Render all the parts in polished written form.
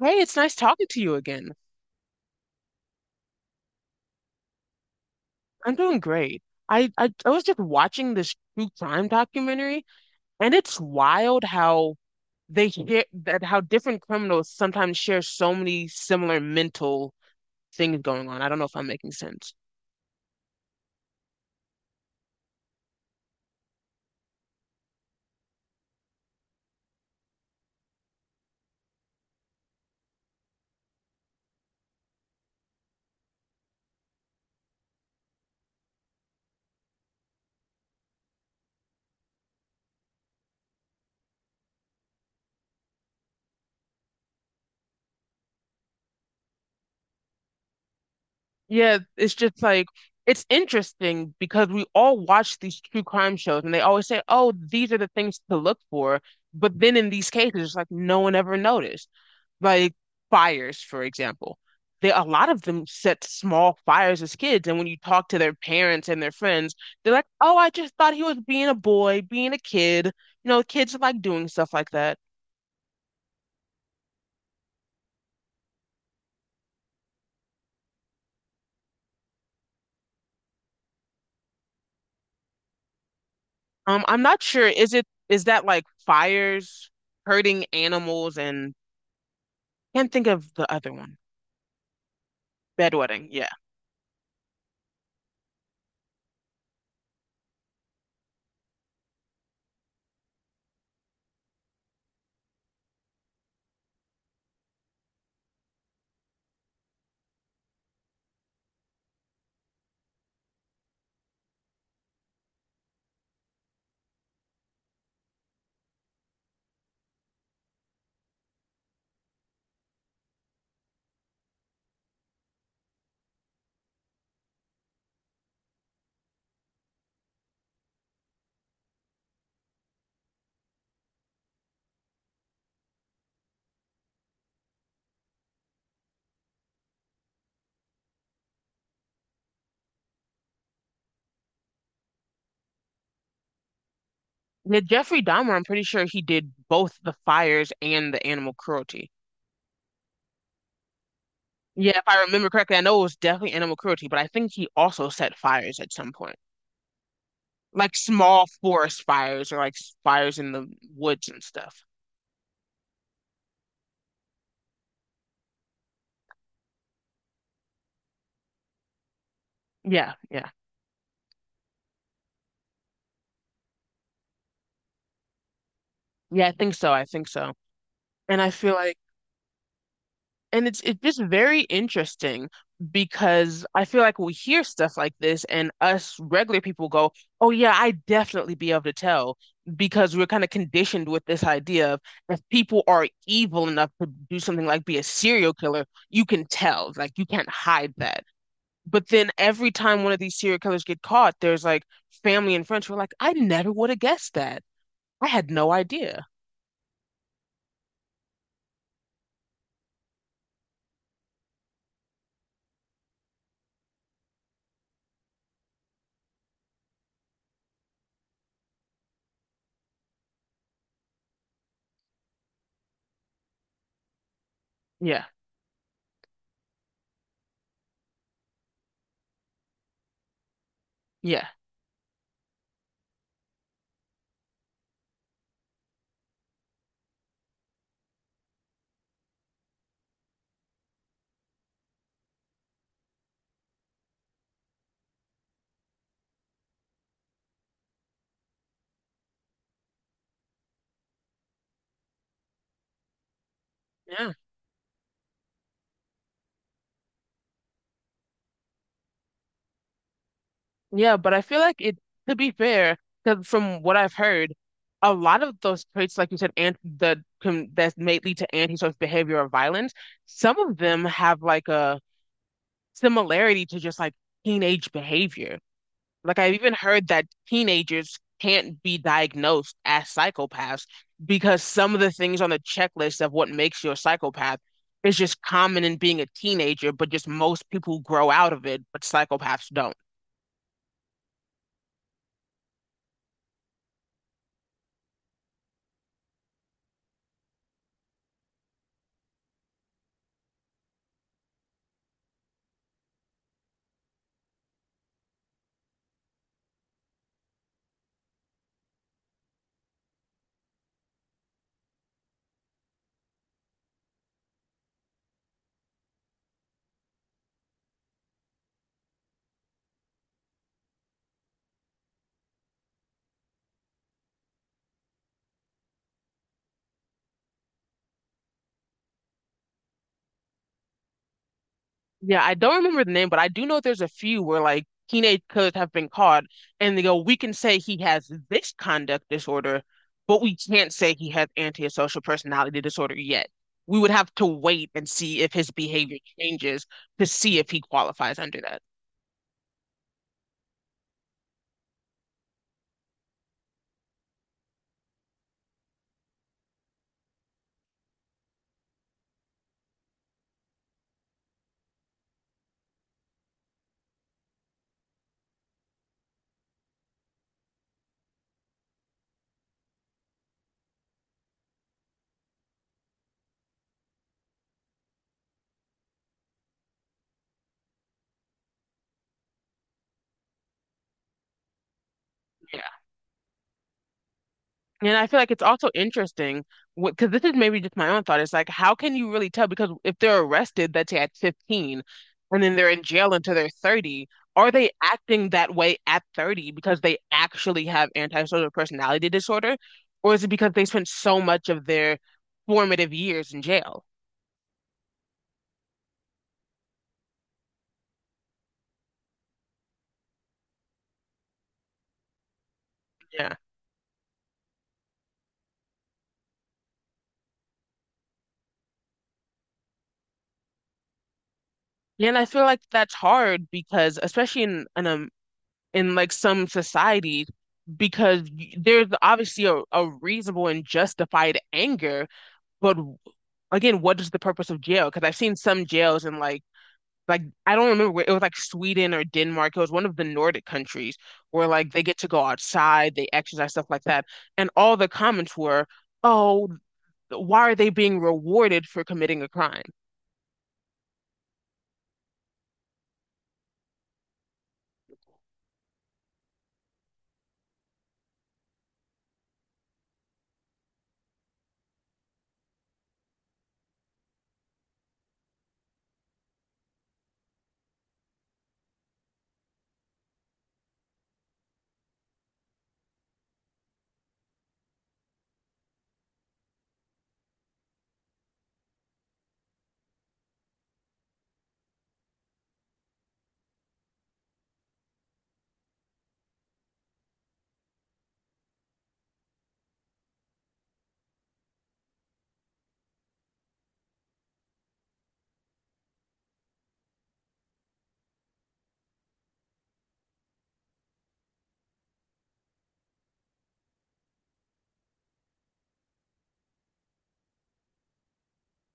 Hey, it's nice talking to you again. I'm doing great. I was just watching this true crime documentary, and it's wild how they share that how different criminals sometimes share so many similar mental things going on. I don't know if I'm making sense. Yeah, it's just like it's interesting because we all watch these true crime shows and they always say, "Oh, these are the things to look for." But then in these cases, it's like no one ever noticed. Like fires, for example. They a lot of them set small fires as kids, and when you talk to their parents and their friends, they're like, "Oh, I just thought he was being a boy, being a kid." You know, kids like doing stuff like that. I'm not sure. Is that like fires, hurting animals, and can't think of the other one. Bedwetting, yeah. Yeah, Jeffrey Dahmer, I'm pretty sure he did both the fires and the animal cruelty. Yeah, if I remember correctly, I know it was definitely animal cruelty, but I think he also set fires at some point. Like small forest fires or like fires in the woods and stuff. Yeah, yeah. Yeah, I think so. I think so. And I feel like, and it's just very interesting because I feel like we hear stuff like this and us regular people go, "Oh yeah, I definitely be able to tell," because we're kind of conditioned with this idea of if people are evil enough to do something like be a serial killer, you can tell, like you can't hide that. But then every time one of these serial killers get caught, there's like family and friends who are like, "I never would have guessed that. I had no idea." Yeah. Yeah. Yeah. Yeah, but I feel like it, to be fair, 'cause from what I've heard, a lot of those traits, like you said, and the com that may lead to antisocial behavior or violence, some of them have like a similarity to just like teenage behavior. Like I've even heard that teenagers can't be diagnosed as psychopaths because some of the things on the checklist of what makes you a psychopath is just common in being a teenager, but just most people grow out of it, but psychopaths don't. Yeah, I don't remember the name, but I do know there's a few where like teenage killers have been caught and they go, we can say he has this conduct disorder, but we can't say he has antisocial personality disorder yet. We would have to wait and see if his behavior changes to see if he qualifies under that. Yeah. And I feel like it's also interesting because this is maybe just my own thought. It's like, how can you really tell? Because if they're arrested, let's say at 15, and then they're in jail until they're 30, are they acting that way at 30 because they actually have antisocial personality disorder? Or is it because they spent so much of their formative years in jail? Yeah. Yeah, and I feel like that's hard because, especially in like some societies, because there's obviously a reasonable and justified anger. But again, what is the purpose of jail? Because I've seen some jails in like I don't remember where it was, like Sweden or Denmark. It was one of the Nordic countries where like they get to go outside, they exercise, stuff like that. And all the comments were, "Oh, why are they being rewarded for committing a crime?"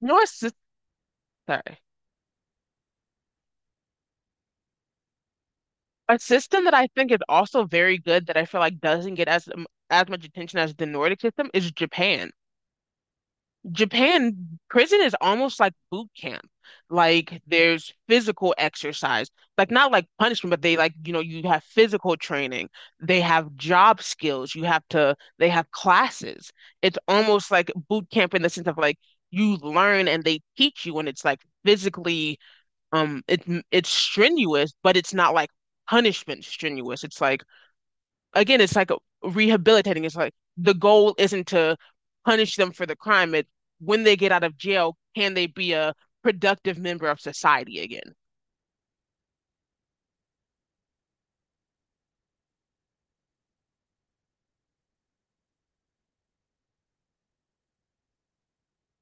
You know, a sorry, a system that I think is also very good that I feel like doesn't get as much attention as the Nordic system is Japan. Japan prison is almost like boot camp. Like there's physical exercise, like not like punishment, but they like, you know, you have physical training, they have job skills, you have to, they have classes. It's almost like boot camp in the sense of like you learn and they teach you, and it's like physically, um, it, it's strenuous, but it's not like punishment strenuous. It's like, again, it's like rehabilitating. It's like the goal isn't to punish them for the crime. It, when they get out of jail, can they be a productive member of society again?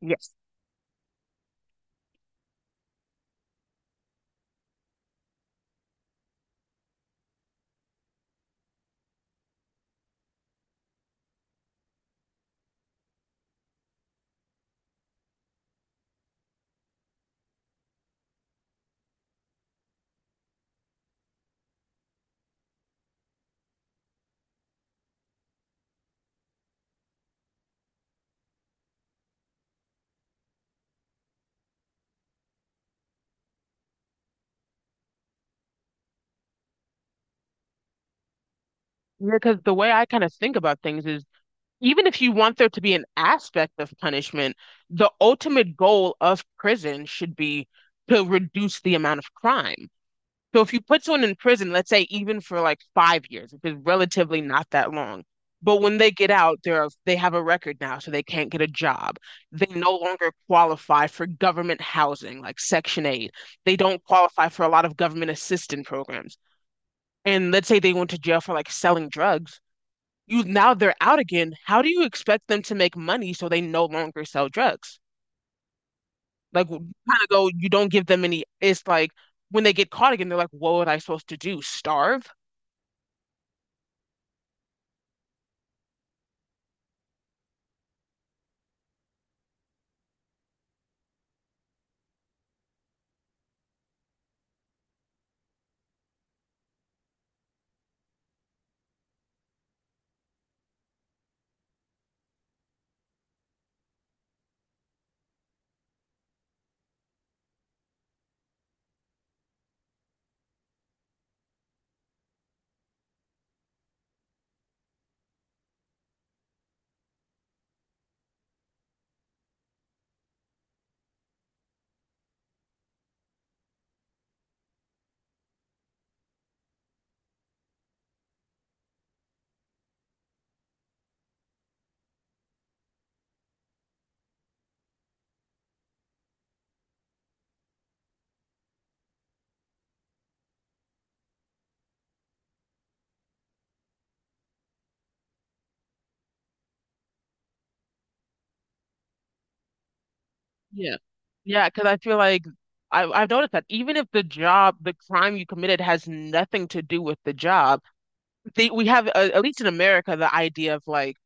Yes. Because the way I kind of think about things is even if you want there to be an aspect of punishment, the ultimate goal of prison should be to reduce the amount of crime. So if you put someone in prison, let's say even for like 5 years, which is relatively not that long, but when they get out, they're, they have a record now, so they can't get a job. They no longer qualify for government housing, like Section 8. They don't qualify for a lot of government assistance programs. And let's say they went to jail for like selling drugs. You now they're out again. How do you expect them to make money so they no longer sell drugs? Like kind of go, you don't give them any. It's like when they get caught again, they're like, what was I supposed to do? Starve? Yeah. Yeah, because I feel like I've noticed that even if the job, the crime you committed has nothing to do with the job, they, we have, at least in America, the idea of like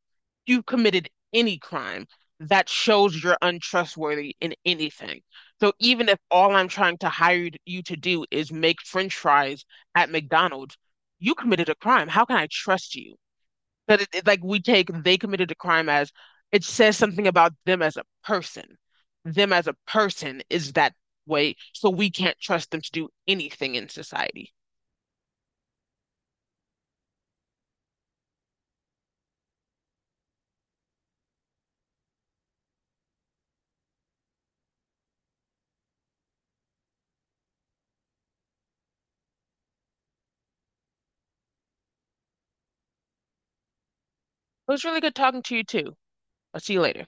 you committed any crime that shows you're untrustworthy in anything. So even if all I'm trying to hire you to do is make French fries at McDonald's, you committed a crime. How can I trust you? But like we take they committed a crime as it says something about them as a person. Them as a person is that way, so we can't trust them to do anything in society. It was really good talking to you too. I'll see you later.